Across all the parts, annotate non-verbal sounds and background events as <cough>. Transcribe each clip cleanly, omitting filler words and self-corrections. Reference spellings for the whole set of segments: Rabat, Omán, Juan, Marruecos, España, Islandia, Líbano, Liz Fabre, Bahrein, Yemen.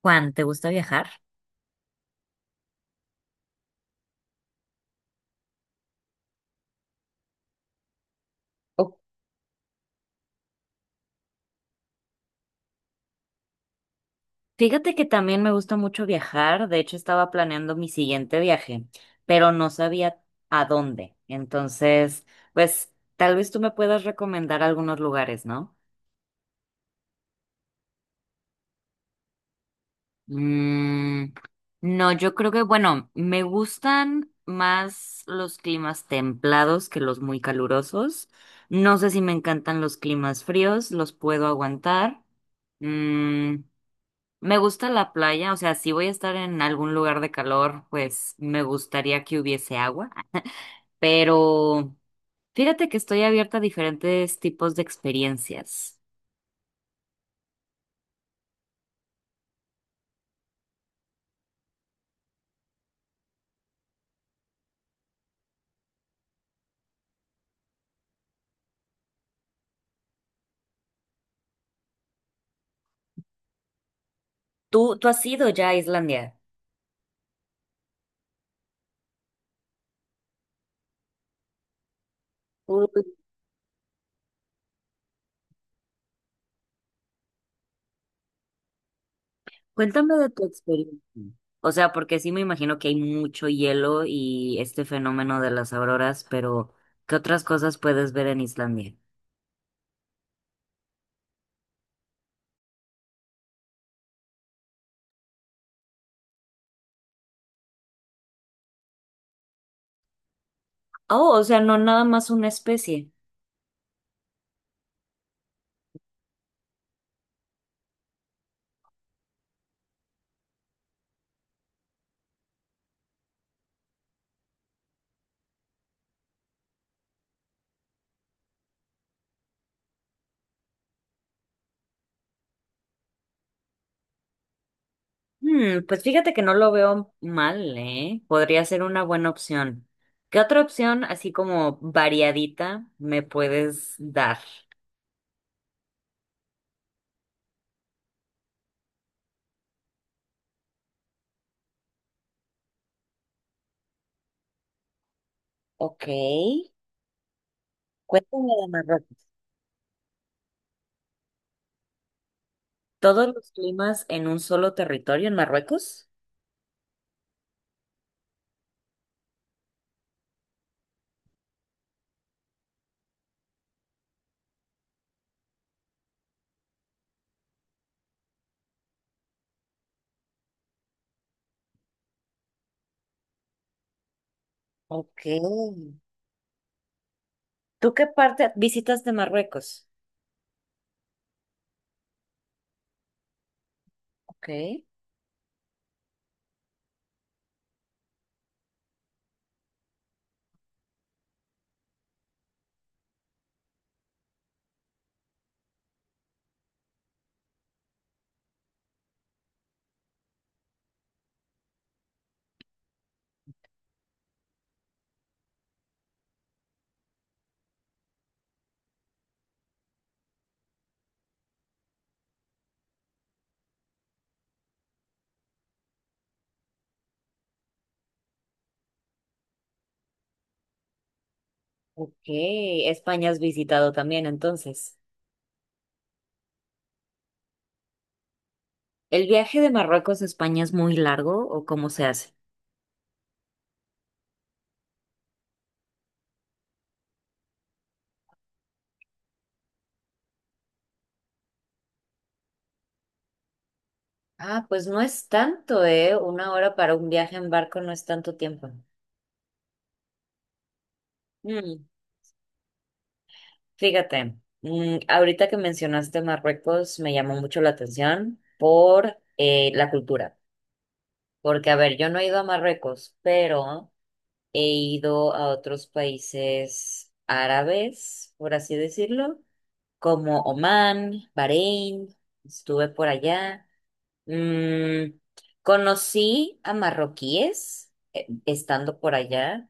Juan, ¿te gusta viajar? Oh, fíjate que también me gusta mucho viajar. De hecho, estaba planeando mi siguiente viaje, pero no sabía a dónde. Entonces, pues tal vez tú me puedas recomendar algunos lugares, ¿no? Mm, no, yo creo que, bueno, me gustan más los climas templados que los muy calurosos. No sé si me encantan los climas fríos, los puedo aguantar. Mm, Me gusta la playa, o sea, si voy a estar en algún lugar de calor, pues me gustaría que hubiese agua, pero fíjate que estoy abierta a diferentes tipos de experiencias. ¿Tú has ido ya a Islandia? Uy, cuéntame de tu experiencia. O sea, porque sí me imagino que hay mucho hielo y este fenómeno de las auroras, pero ¿qué otras cosas puedes ver en Islandia? Oh, o sea, no nada más una especie. Hmm, pues fíjate que no lo veo mal, ¿eh? Podría ser una buena opción. ¿Qué otra opción, así como variadita, me puedes dar? Ok, cuéntame de Marruecos. ¿Todos los climas en un solo territorio en Marruecos? Ok. ¿Tú qué parte visitas de Marruecos? Ok. Ok, España has visitado también, entonces. ¿El viaje de Marruecos a España es muy largo o cómo se hace? Ah, pues no es tanto, ¿eh? Una hora para un viaje en barco no es tanto tiempo. Mm, fíjate, mm, ahorita que mencionaste Marruecos me llamó mucho la atención por la cultura. Porque, a ver, yo no he ido a Marruecos, pero he ido a otros países árabes, por así decirlo, como Omán, Bahrein, estuve por allá. Mm, conocí a marroquíes estando por allá.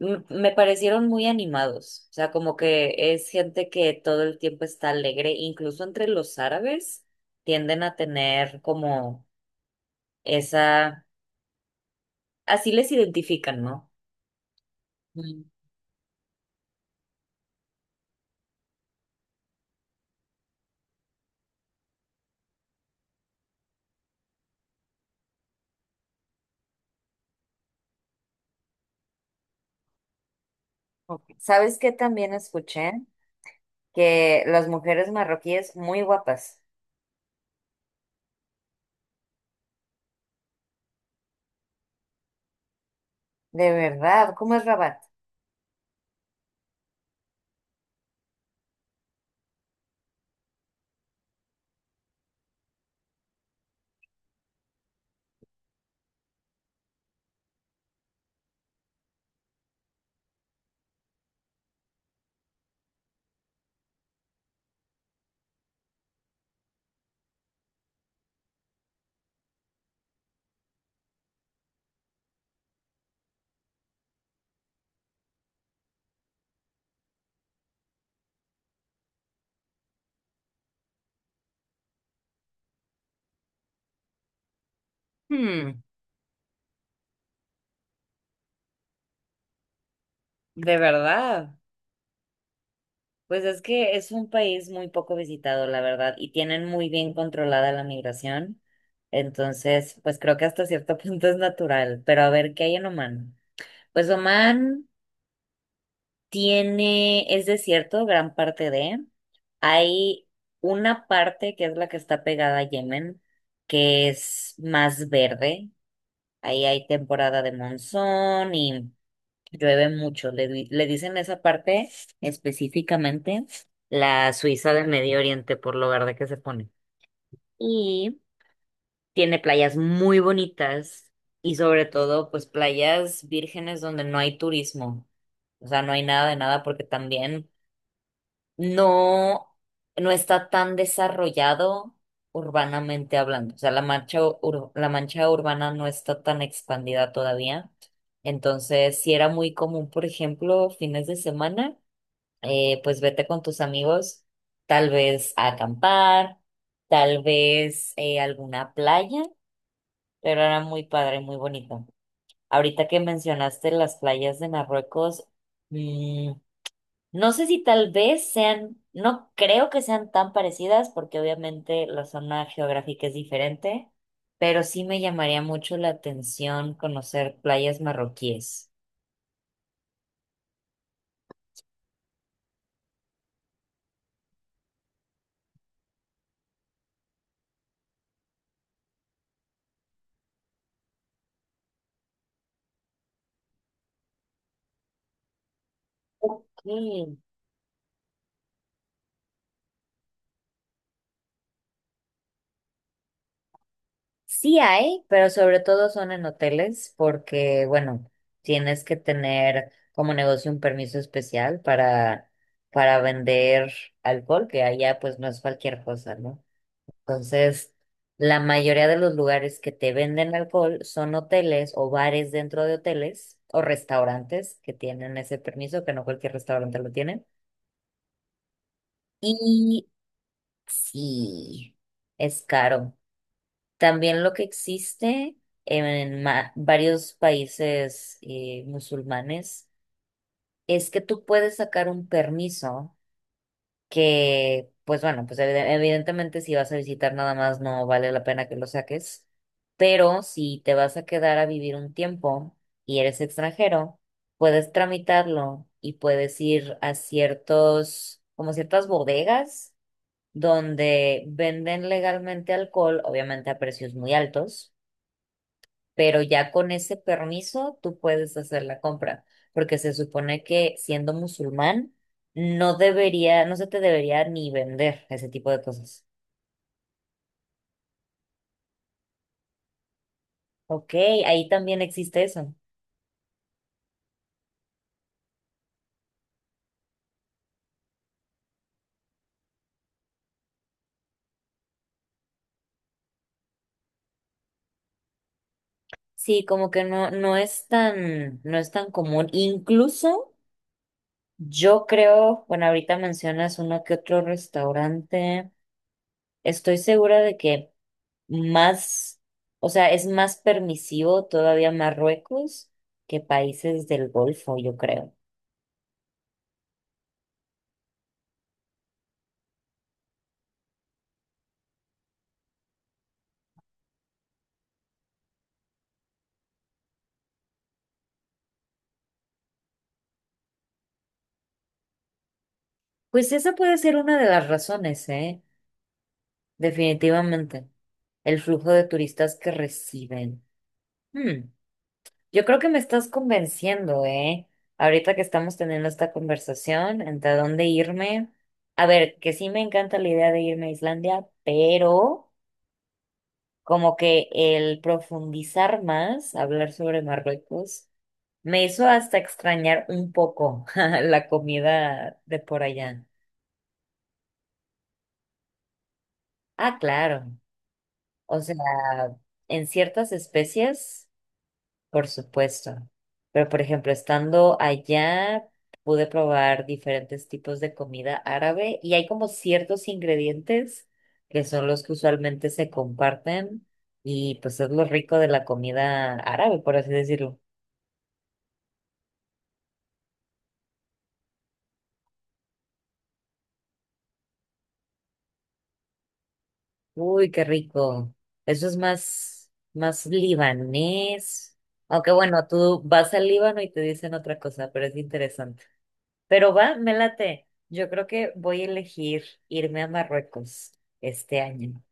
Me parecieron muy animados, o sea, como que es gente que todo el tiempo está alegre, incluso entre los árabes tienden a tener como esa, así les identifican, ¿no? Mm. Ok. ¿Sabes qué también escuché? Que las mujeres marroquíes muy guapas. De verdad, ¿cómo es Rabat? Hmm, de verdad. Pues es que es un país muy poco visitado, la verdad, y tienen muy bien controlada la migración. Entonces, pues creo que hasta cierto <laughs> punto es natural. Pero a ver, ¿qué hay en Oman? Pues Oman tiene, es desierto, gran parte de. Hay una parte que es la que está pegada a Yemen, que es más verde. Ahí hay temporada de monzón y llueve mucho, le dicen esa parte específicamente la Suiza del Medio Oriente por lo verde que se pone. Y tiene playas muy bonitas y sobre todo pues playas vírgenes donde no hay turismo. O sea, no hay nada de nada porque también no, no está tan desarrollado urbanamente hablando. O sea, la mancha urbana no está tan expandida todavía. Entonces, si era muy común, por ejemplo, fines de semana, pues vete con tus amigos, tal vez a acampar, tal vez alguna playa, pero era muy padre, muy bonito. Ahorita que mencionaste las playas de Marruecos, mm, no sé si tal vez sean, no creo que sean tan parecidas porque obviamente la zona geográfica es diferente, pero sí me llamaría mucho la atención conocer playas marroquíes. Mm, sí hay, pero sobre todo son en hoteles porque, bueno, tienes que tener como negocio un permiso especial para vender alcohol, que allá pues no es cualquier cosa, ¿no? Entonces, la mayoría de los lugares que te venden alcohol son hoteles o bares dentro de hoteles o restaurantes que tienen ese permiso, que no cualquier restaurante lo tiene. Y sí, es caro. También lo que existe en varios países musulmanes es que tú puedes sacar un permiso que, pues bueno, pues evidentemente si vas a visitar nada más no vale la pena que lo saques, pero si te vas a quedar a vivir un tiempo y eres extranjero, puedes tramitarlo y puedes ir a ciertos, como ciertas bodegas donde venden legalmente alcohol, obviamente a precios muy altos, pero ya con ese permiso tú puedes hacer la compra, porque se supone que siendo musulmán no debería, no se te debería ni vender ese tipo de cosas. Ok, ahí también existe eso. Sí, como que no, no es tan, no es tan común. Incluso yo creo, bueno, ahorita mencionas uno que otro restaurante. Estoy segura de que más, o sea, es más permisivo todavía Marruecos que países del Golfo, yo creo. Pues esa puede ser una de las razones, ¿eh? Definitivamente. El flujo de turistas que reciben. Hmm, yo creo que me estás convenciendo, ¿eh? Ahorita que estamos teniendo esta conversación, ¿entre dónde irme? A ver, que sí me encanta la idea de irme a Islandia, pero como que el profundizar más, hablar sobre Marruecos, me hizo hasta extrañar un poco <laughs> la comida de por allá. Ah, claro. O sea, en ciertas especies, por supuesto. Pero, por ejemplo, estando allá, pude probar diferentes tipos de comida árabe y hay como ciertos ingredientes que son los que usualmente se comparten y pues es lo rico de la comida árabe, por así decirlo. Uy, qué rico. Eso es más, más libanés. Aunque bueno, tú vas al Líbano y te dicen otra cosa, pero es interesante. Pero va, me late. Yo creo que voy a elegir irme a Marruecos este año.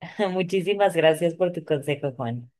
<laughs> Muchísimas gracias por tu consejo, Juan.